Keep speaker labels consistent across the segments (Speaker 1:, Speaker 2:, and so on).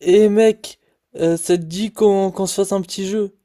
Speaker 1: Eh mec, ça te dit qu'on se fasse un petit jeu?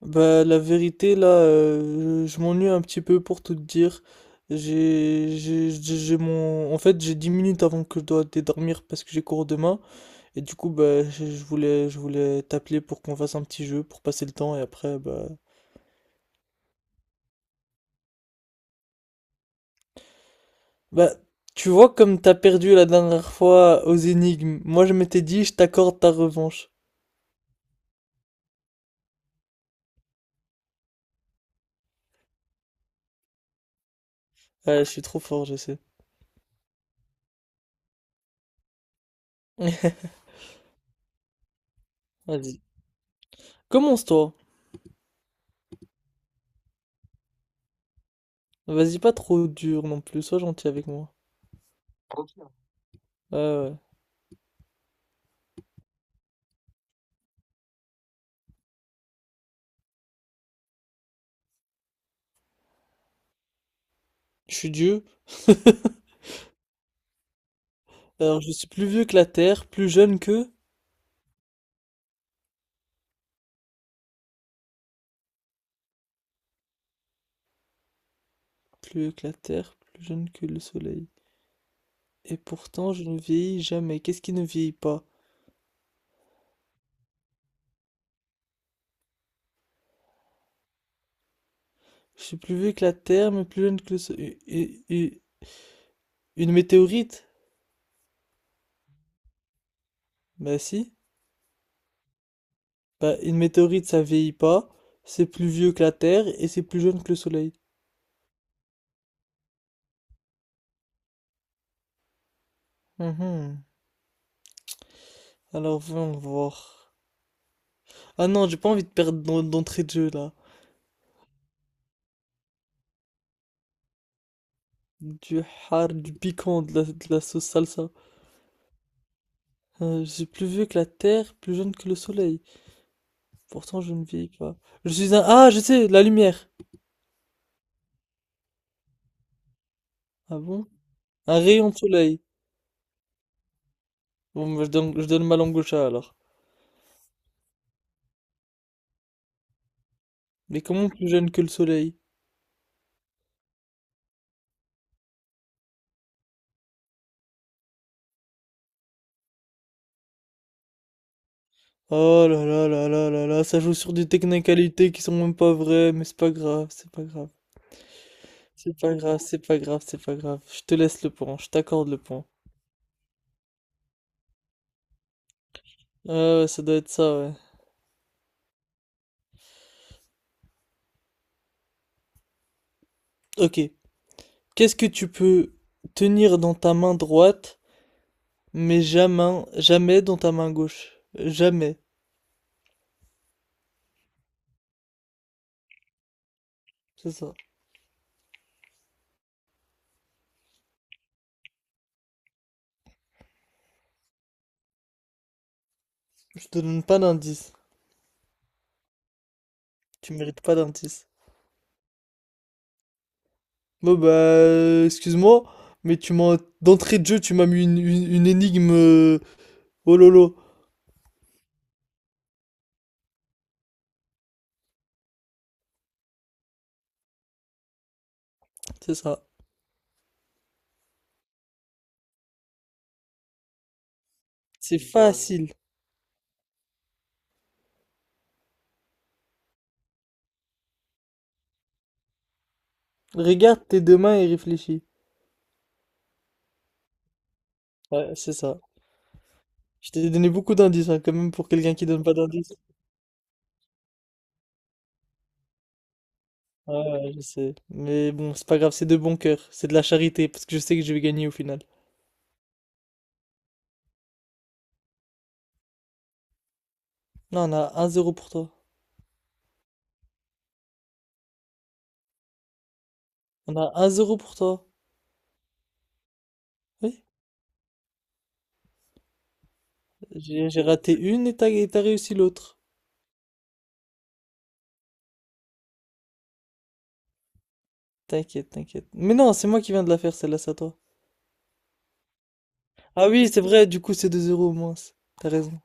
Speaker 1: Bah la vérité là, je m'ennuie un petit peu pour tout te dire. J'ai mon en fait j'ai 10 minutes avant que je dois aller dormir parce que j'ai cours demain et du coup bah je voulais je voulais t'appeler pour qu'on fasse un petit jeu pour passer le temps et après bah tu vois comme t'as perdu la dernière fois aux énigmes. Moi je m'étais dit je t'accorde ta revanche. Ouais, je suis trop fort, je sais. Vas-y. Commence-toi. Vas-y, pas trop dur non plus, sois gentil avec moi. Ouais, ouais. Je suis Dieu, alors je suis plus vieux que la terre, plus jeune que... Plus vieux que la terre, plus jeune que le soleil. Et pourtant, je ne vieillis jamais. Qu'est-ce qui ne vieillit pas? Je suis plus vieux que la terre, mais plus jeune que le soleil. Une météorite? Bah si. Bah, une météorite, ça vieillit pas. C'est plus vieux que la terre et c'est plus jeune que le soleil. Mhm. Alors, voyons voir. Ah non, j'ai pas envie de perdre d'entrée de jeu, là. Du har, du piquant, de la sauce salsa. Je suis plus vieux que la terre, plus jeune que le soleil. Pourtant, je ne vieillis pas. Je suis un... Ah, je sais, la lumière. Ah bon? Un rayon de soleil. Bon, bah, je donne ma langue au chat, alors. Mais comment plus jeune que le soleil? Oh là là là là là là, ça joue sur des technicalités qui sont même pas vraies, mais c'est pas grave, c'est pas grave. C'est pas grave, c'est pas grave, c'est pas grave. Je te laisse le point, je t'accorde le point. Ah ouais, ça doit être ça, ouais. Ok. Qu'est-ce que tu peux tenir dans ta main droite? Mais jamais, jamais dans ta main gauche. Jamais. C'est ça. Je te donne pas d'indice. Tu mérites pas d'indice. Bon bah, excuse-moi, mais tu m'as, d'entrée de jeu, tu m'as mis une énigme. Oh lolo. C'est ça. C'est facile. Regarde tes deux mains et réfléchis. Ouais, c'est ça. Je t'ai donné beaucoup d'indices, hein, quand même, pour quelqu'un qui donne pas d'indices. Ouais, ouais, je sais. Mais bon, c'est pas grave, c'est de bon cœur. C'est de la charité, parce que je sais que je vais gagner au final. Là, on a un zéro pour toi. On a un zéro pour toi. Oui? J'ai raté une et t'as réussi l'autre. T'inquiète, t'inquiète. Mais non, c'est moi qui viens de la faire, celle-là, c'est à toi. Ah oui, c'est vrai, du coup, c'est deux 0 au moins. T'as raison.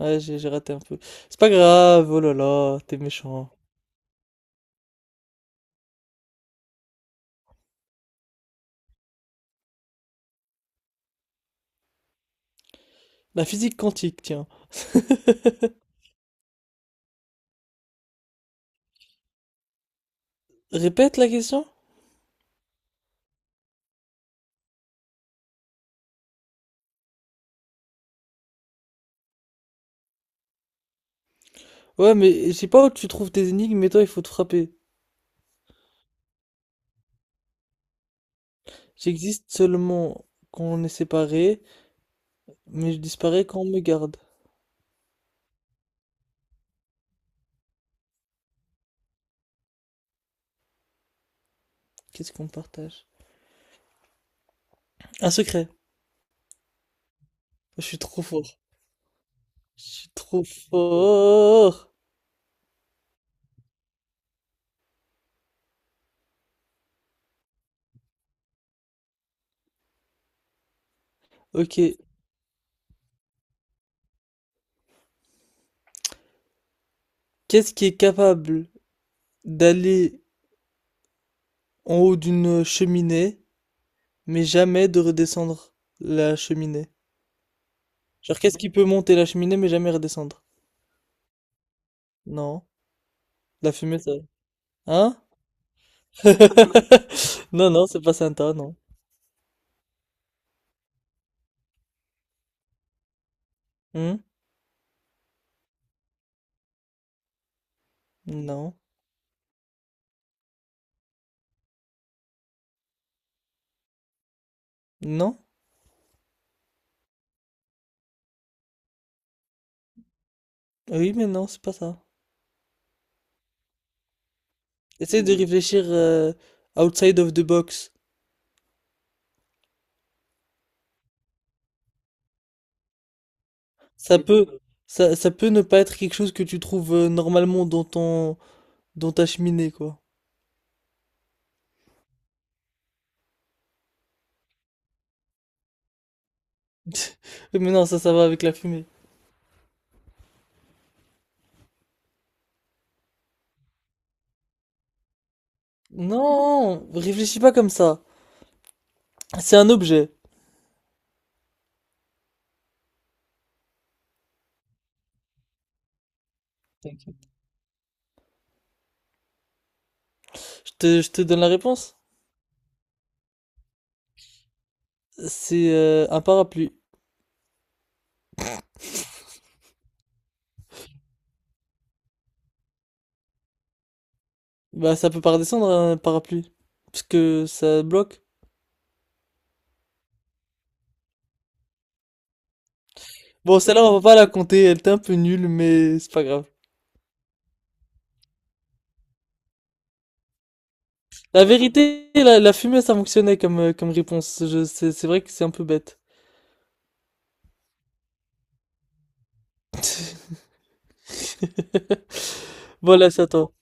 Speaker 1: Ouais, j'ai raté un peu. C'est pas grave, oh là là, t'es méchant. La physique quantique, tiens. Répète la question? Ouais, mais je sais pas où tu trouves tes énigmes, mais toi, il faut te frapper. J'existe seulement quand on est séparés, mais je disparais quand on me garde. Qu'est-ce qu'on partage? Un secret. Je suis trop fort. Je suis trop fort. Ok. Qu'est-ce qui est capable d'aller en haut d'une cheminée, mais jamais de redescendre la cheminée? Genre, qu'est-ce qui peut monter la cheminée, mais jamais redescendre? Non. La fumée, ça. Hein? Non, non, c'est pas Santa, non. Hmm. Non. Non? Oui, mais non, c'est pas ça. Essaye de réfléchir outside of the box. Ça peut, ça peut ne pas être quelque chose que tu trouves normalement dans ta cheminée, quoi. Mais non, ça va avec la fumée. Non, réfléchis pas comme ça. C'est un objet. Je te donne la réponse. C'est un parapluie. Bah, ça peut pas redescendre un parapluie. Parce que ça bloque. Bon, celle-là, on va pas la compter. Elle était un peu nulle, mais c'est pas grave. La vérité, la fumée, ça fonctionnait comme réponse. C'est vrai que c'est un peu bête. Voilà, c'est à toi.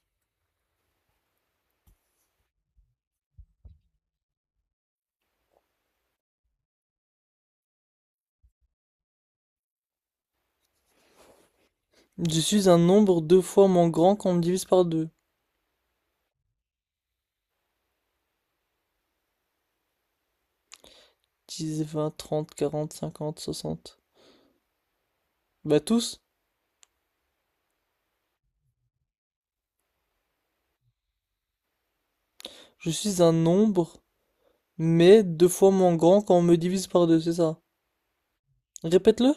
Speaker 1: Je suis un nombre deux fois moins grand quand on me divise par deux. 10, 20, 30, 40, 50, 60. Bah, tous. Je suis un nombre mais deux fois moins grand quand on me divise par deux, c'est ça. Répète-le.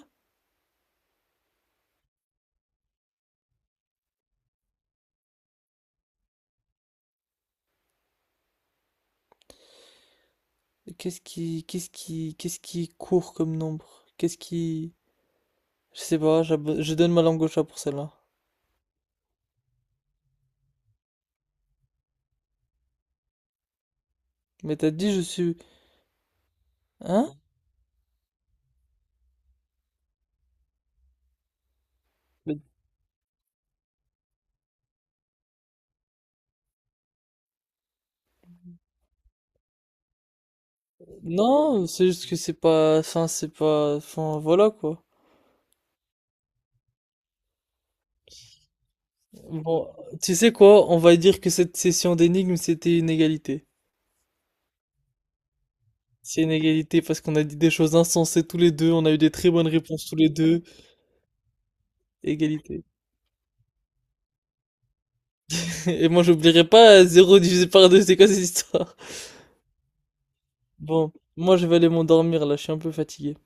Speaker 1: Qu'est-ce qui court comme nombre? Je sais pas, je donne ma langue au chat pour celle-là. Mais t'as dit je suis, hein? Mais- Non, c'est juste que c'est pas, enfin voilà quoi. Bon, tu sais quoi? On va dire que cette session d'énigmes c'était une égalité. C'est une égalité parce qu'on a dit des choses insensées tous les deux, on a eu des très bonnes réponses tous les deux. Égalité. Et moi j'oublierai pas zéro divisé par 2. C'est quoi cette histoire? Bon, moi je vais aller m'endormir là, je suis un peu fatigué.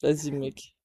Speaker 1: Vas-y mec.